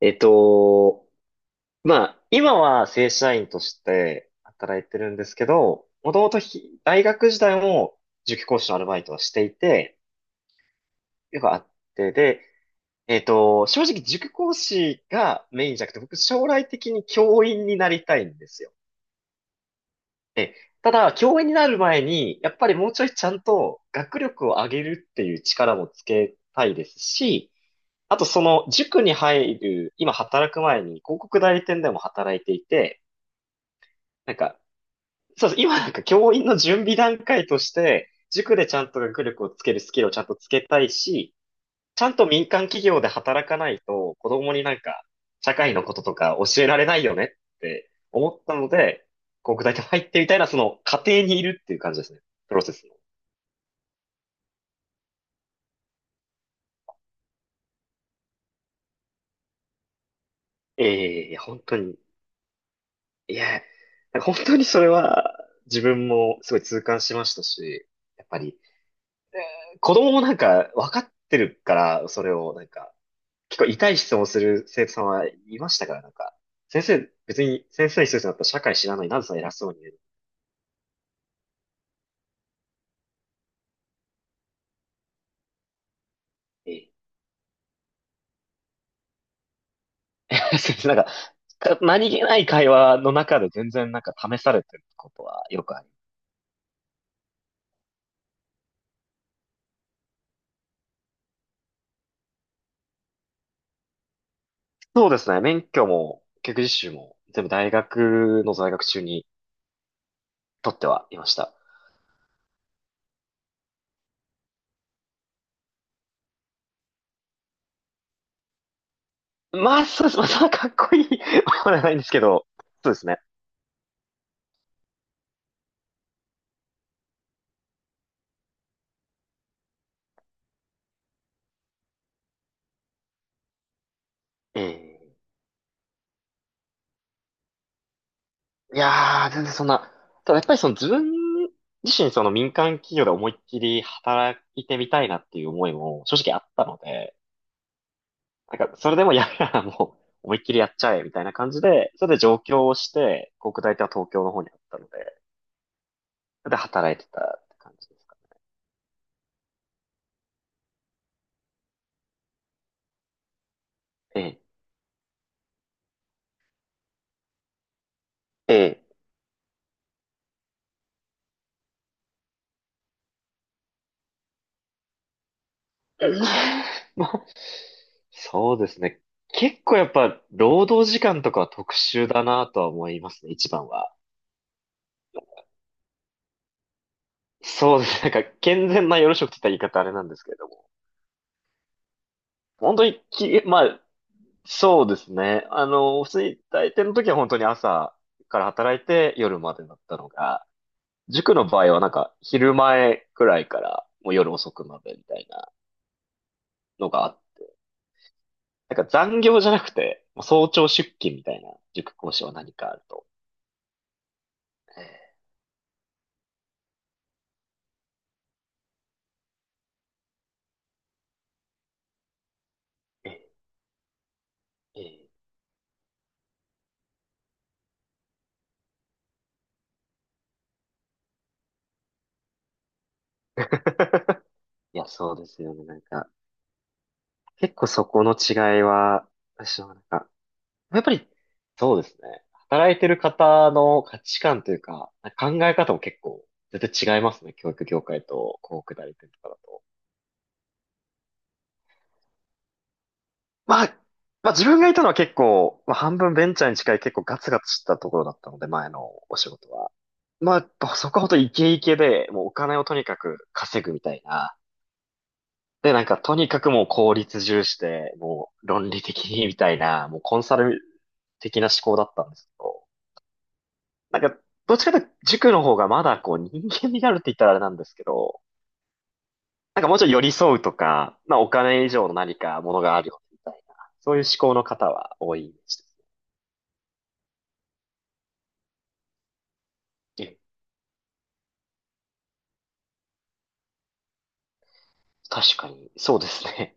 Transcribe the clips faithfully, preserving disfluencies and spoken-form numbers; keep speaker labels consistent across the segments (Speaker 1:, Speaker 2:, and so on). Speaker 1: えっと、まあ、今は正社員として働いてるんですけど、もともとひ大学時代も塾講師のアルバイトはしていて、よくあって、で、えっと、正直塾講師がメインじゃなくて、僕将来的に教員になりたいんですよ。で、ただ、教員になる前に、やっぱりもうちょいちゃんと学力を上げるっていう力もつけたいですし、あとその塾に入る、今働く前に広告代理店でも働いていて、なんか、そうです。今なんか教員の準備段階として、塾でちゃんと学力をつけるスキルをちゃんとつけたいし、ちゃんと民間企業で働かないと、子供になんか、社会のこととか教えられないよねって思ったので、こう具体的に入ってみたいな、その過程にいるっていう感じですね。プロセスの。ええ、いや本当に。いや、本当にそれは自分もすごい痛感しましたし、やっぱり子供もなんか分かってるから、それをなんか、結構痛い質問する生徒さんはいましたから、なんか、先生、別に先生にするとなったら社会知らない、なぜそんな偉そうに言うの。ええ。 先生なんか、か何気ない会話の中で全然なんか試されてることはよくあります。そうですね、免許も、教育実習も、全部大学の在学中に取ってはいました。まあ、そうです。まあ、そんなかっこいいものでは ないんですけど、そうですね。ええ、いやー、全然そんな。ただやっぱりその自分自身その民間企業で思いっきり働いてみたいなっていう思いも正直あったので、なんかそれでもやるならもう思いっきりやっちゃえみたいな感じで、それで上京をして、国大とは東京の方にあったので、それで働いてたって感じですか。ええ、ええ。もう、そうですね。結構やっぱ労働時間とかは特殊だなとは思いますね、一番は。そうですね。なんか健全な夜職って言ったら言い方あれなんですけれども。本当にき、まあ、そうですね。あの、普通に大抵の時は本当に朝から働いて夜までだったのが、塾の場合はなんか昼前くらいからもう夜遅くまでみたいなのがあっ、なんか残業じゃなくて、もう早朝出勤みたいな塾講師は何かあると。えー、えー、えー、いや、そうですよね。なんか、結構そこの違いは、私はなんか、やっぱり、そうですね。働いてる方の価値観というか、考え方も結構、絶対違いますね。教育業界と広告代理店とかだと。まあ、まあ自分がいたのは結構、まあ半分ベンチャーに近い結構ガツガツしたところだったので、前のお仕事は。まあ、やっぱそこはほんとイケイケで、もうお金をとにかく稼ぐみたいな。で、なんかとにかくもう効率重視で、もう論理的にみたいな、もうコンサル的な思考だったんですけど。なんか、どっちかというと塾の方がまだこう人間味があるって言ったらあれなんですけど、なんかもうちょい寄り添うとか、まあお金以上の何かものがあるよねみたいな、そういう思考の方は多いですね。え、確かに、そうですね。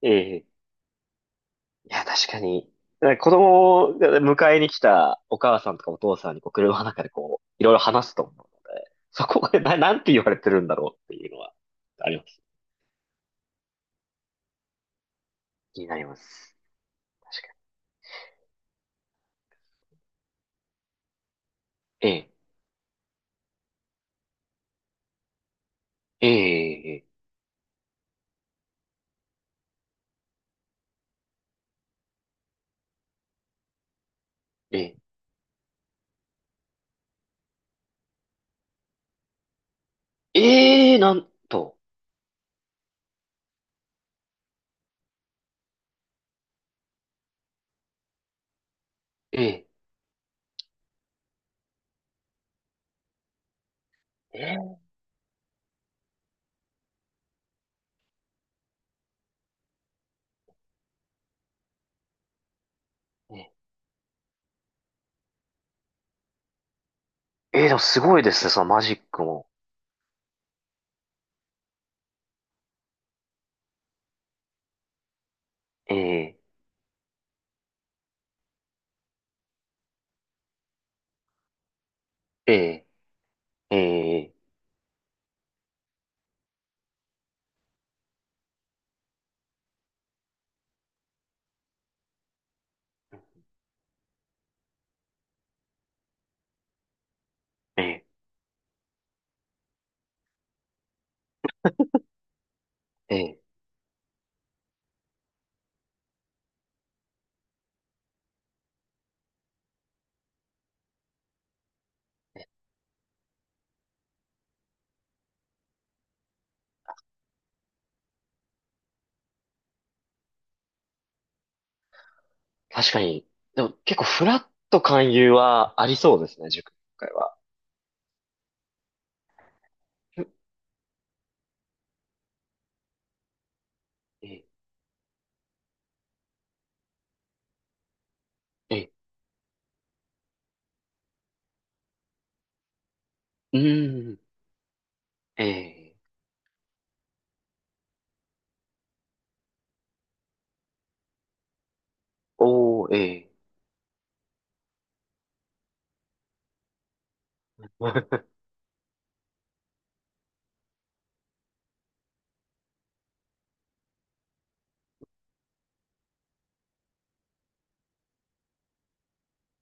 Speaker 1: ええ。いや、確かに。だから子供を迎えに来たお母さんとかお父さんにこう車の中でこう、いろいろ話すと思うので、そこでな、なんて言われてるんだろうっていうのはあります。気になります。確かに。ええ、ええ、ええ、ええ、ええ、なんと。ええ、ええ、ええ、でもすごいですね、そのマジックも。ええ、ええ、ええ、ええ、ええ、確かに。でも結構フラット勧誘はありそうですね、塾今回は。ふ、ええ、ええ、うーん、ええ、おー、ええ、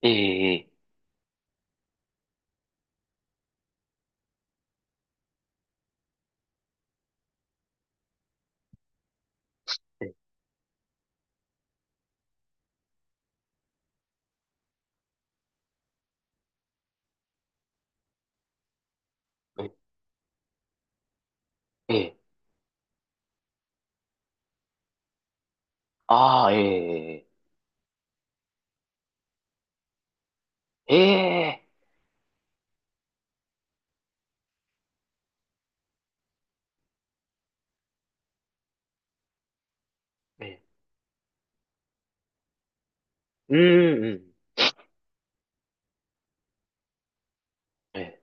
Speaker 1: ええ、ええ、ええ、ああー、ええ、ええ、ええ、うーん、うん、え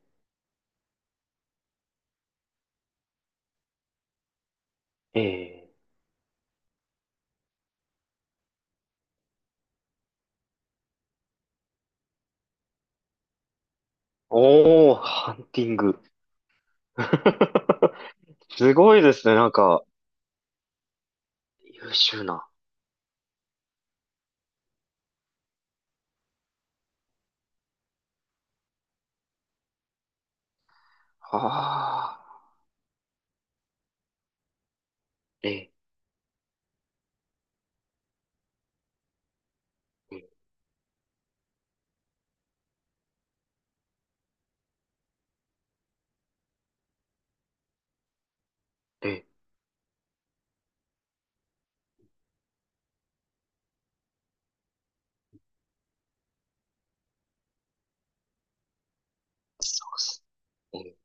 Speaker 1: え、ええ、おー、ハンティング。すごいですね、なんか、優秀な。ああ、ええ、ええ、ええ、そうっすね。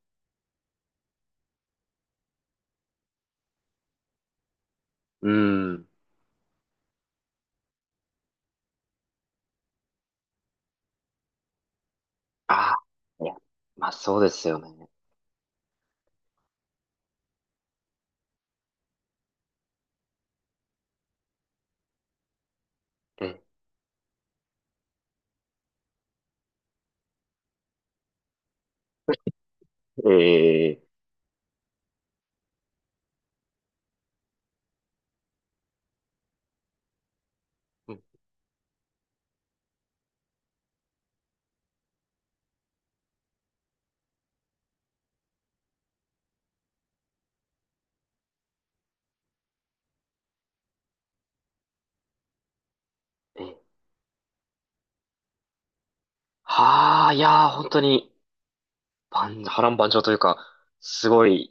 Speaker 1: うん。ああ、いや、まあそうですよね。ええ、ええ、うん、ええ。はあ、いやー、本当に、万波乱万丈というか、すごい、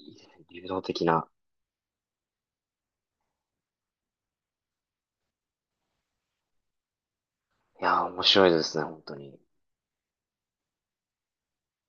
Speaker 1: 流動的な。いやー、面白いですね、本当に。